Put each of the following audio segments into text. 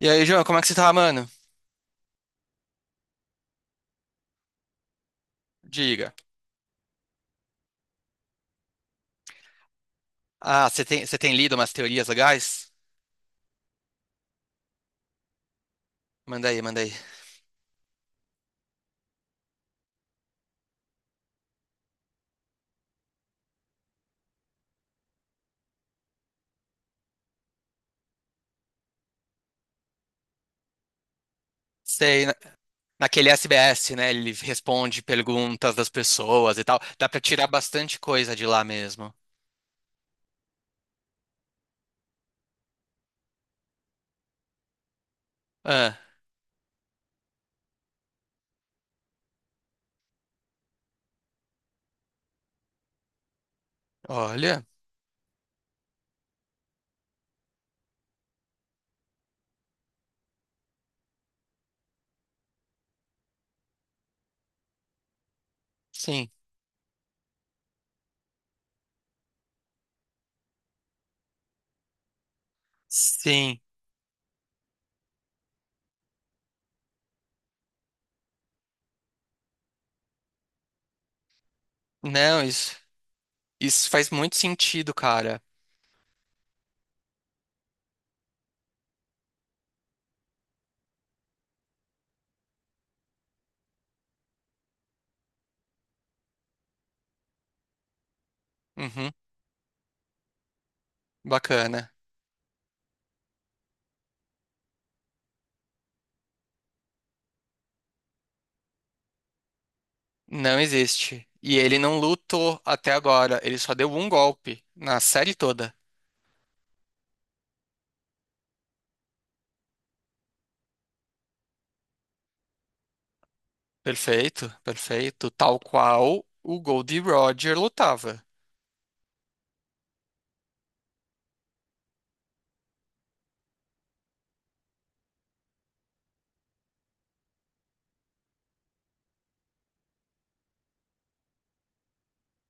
E aí, João, como é que você tá, mano? Diga. Ah, você tem lido umas teorias legais? Manda aí, manda aí. Sei, na- Naquele SBS, né? Ele responde perguntas das pessoas e tal. Dá pra tirar bastante coisa de lá mesmo. Ah, olha. Sim. Sim. Não, isso faz muito sentido, cara. Uhum, bacana. Não existe. E ele não lutou até agora. Ele só deu um golpe na série toda. Perfeito, perfeito. Tal qual o Goldie Roger lutava.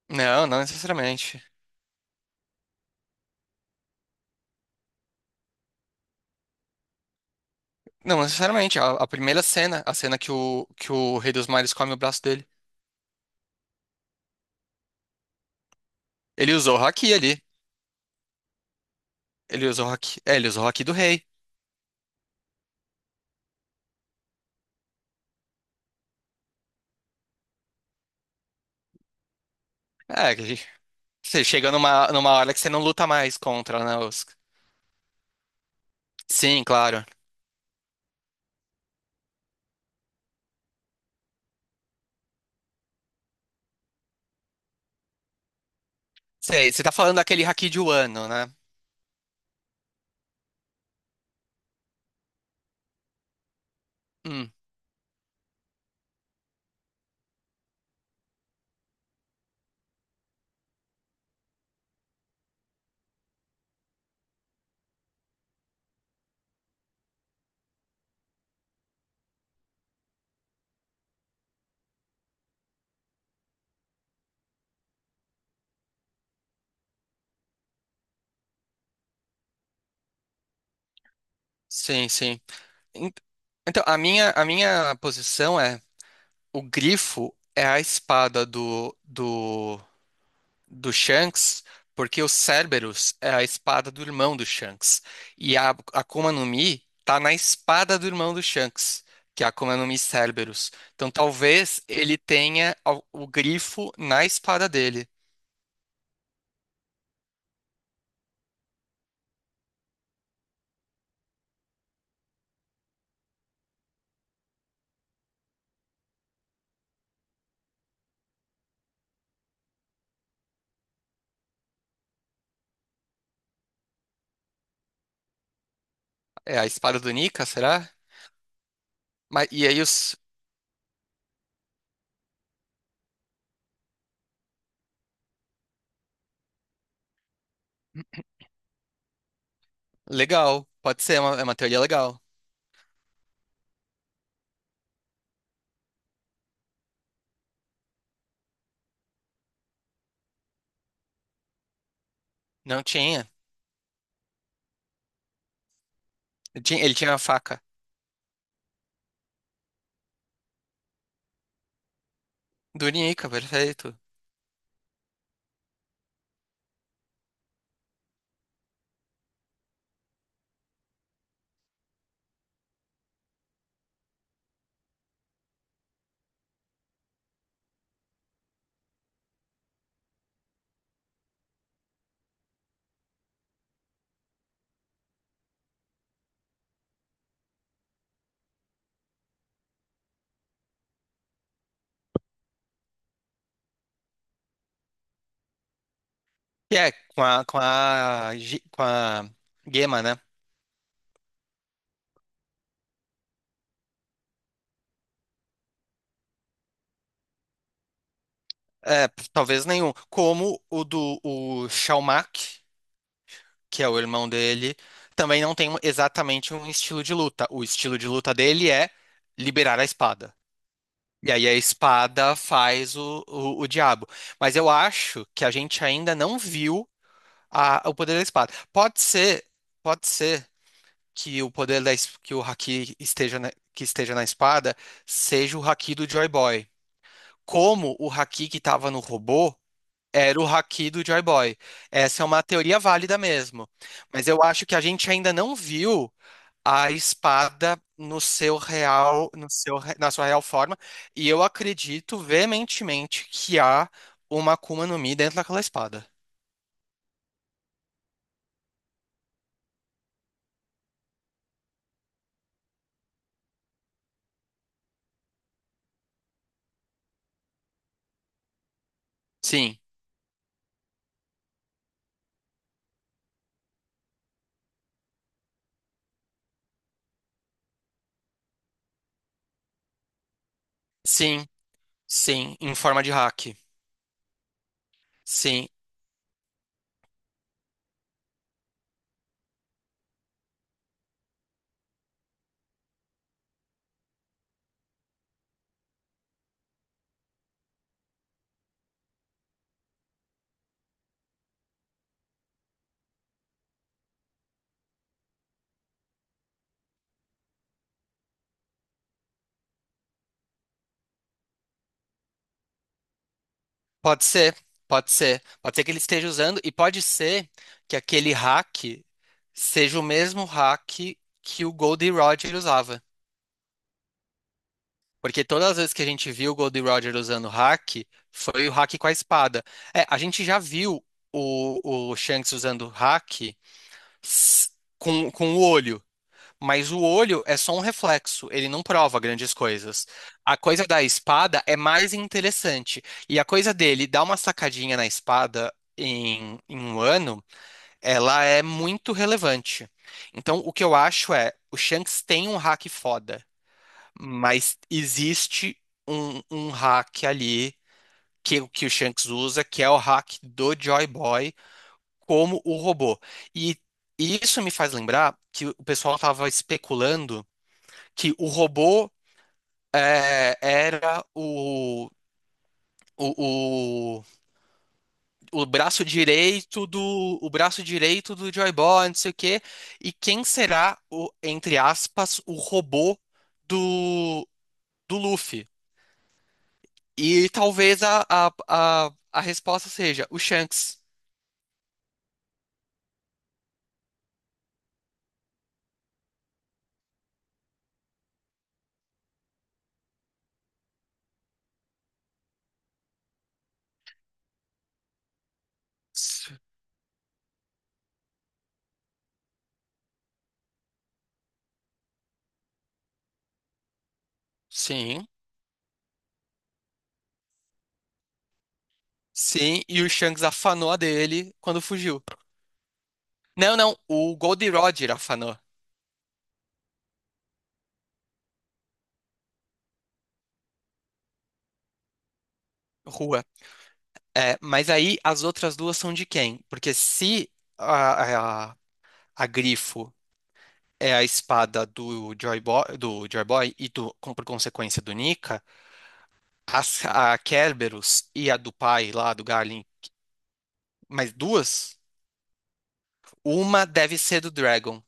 Não, não necessariamente. Não necessariamente. A primeira cena, a cena que o Rei dos Mares come o braço dele. Ele usou o haki ali. Ele usou o haki. É, ele usou o haki do rei. É, que você chega numa hora que você não luta mais contra, né? Sim, claro. Sei, você tá falando daquele haki de Wano, né? Hum, sim, sim. En- Então, a minha posição é: o grifo é a espada do Shanks, porque o Cerberus é a espada do irmão do Shanks. E a Akuma no Mi tá na espada do irmão do Shanks, que é a Akuma no Mi Cerberus. Então talvez ele tenha o grifo na espada dele. É a espada do Nika, será? Mas, e aí os... Legal, pode ser, é uma teoria legal. Não tinha. Ele tinha a faca do Nika, perfeito. E é, com a Gema, né? É, p- talvez nenhum. Como o do o Xiaomak, que é o irmão dele, também não tem um- exatamente um estilo de luta. O estilo de luta dele é liberar a espada. E aí a espada faz o diabo. Mas eu acho que a gente ainda não viu a, o poder da espada. Pode ser que o poder da, es- que o haki esteja na, que esteja na espada seja o haki do Joy Boy. Como o haki que estava no robô. Era o haki do Joy Boy. Essa é uma teoria válida mesmo. Mas eu acho que a gente ainda não viu a espada no seu real, no seu, re- na sua real forma. E eu acredito veementemente que há uma Akuma no Mi dentro daquela espada. Sim, sim, sim, em forma de hack. Sim, pode ser, pode ser. Pode ser que ele esteja usando, e pode ser que aquele hack seja o mesmo hack que o Goldie Roger usava. Porque todas as vezes que a gente viu o Goldie Roger usando hack, foi o hack com a espada. É, a gente já viu o Shanks usando hack s- com o olho. Mas o olho é só um reflexo, ele não prova grandes coisas. A coisa da espada é mais interessante. E a coisa dele dar uma sacadinha na espada em, em um ano, ela é muito relevante. Então, o que eu acho é, o Shanks tem um hack foda, mas existe um hack ali que o Shanks usa, que é o hack do Joy Boy como o robô. E, e isso me faz lembrar que o pessoal estava especulando que o robô é, era o, o, o braço direito do o braço direito do Joy Boy, não sei o quê. E quem será o, entre aspas, o robô do, do Luffy? E talvez a resposta seja o Shanks. S- Sim, sim, e o Shanks afanou a dele quando fugiu. Não, não, o Gold Roger afanou. Rua. É, mas aí as outras duas são de quem? Porque se a, a, a Grifo é a espada do Joy Boy e do, com- por consequência do Nika, as- a Kerberos e a do pai lá do Garlin, mais duas, uma deve ser do Dragon.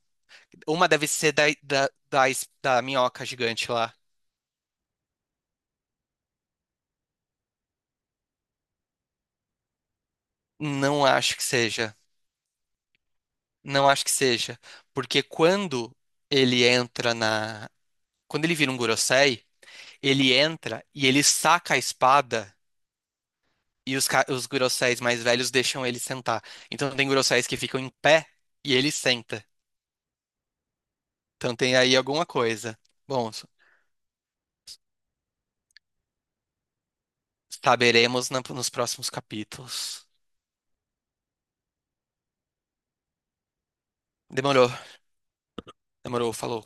Uma deve ser da minhoca gigante lá. Não acho que seja. Não acho que seja. Porque quando ele entra na. Quando ele vira um Gorosei, ele entra e ele saca a espada e os, ca- os Goroseis mais velhos deixam ele sentar. Então tem Goroseis que ficam em pé e ele senta. Então tem aí alguma coisa. Bom, saberemos na- nos próximos capítulos. Demorou, demorou, falou.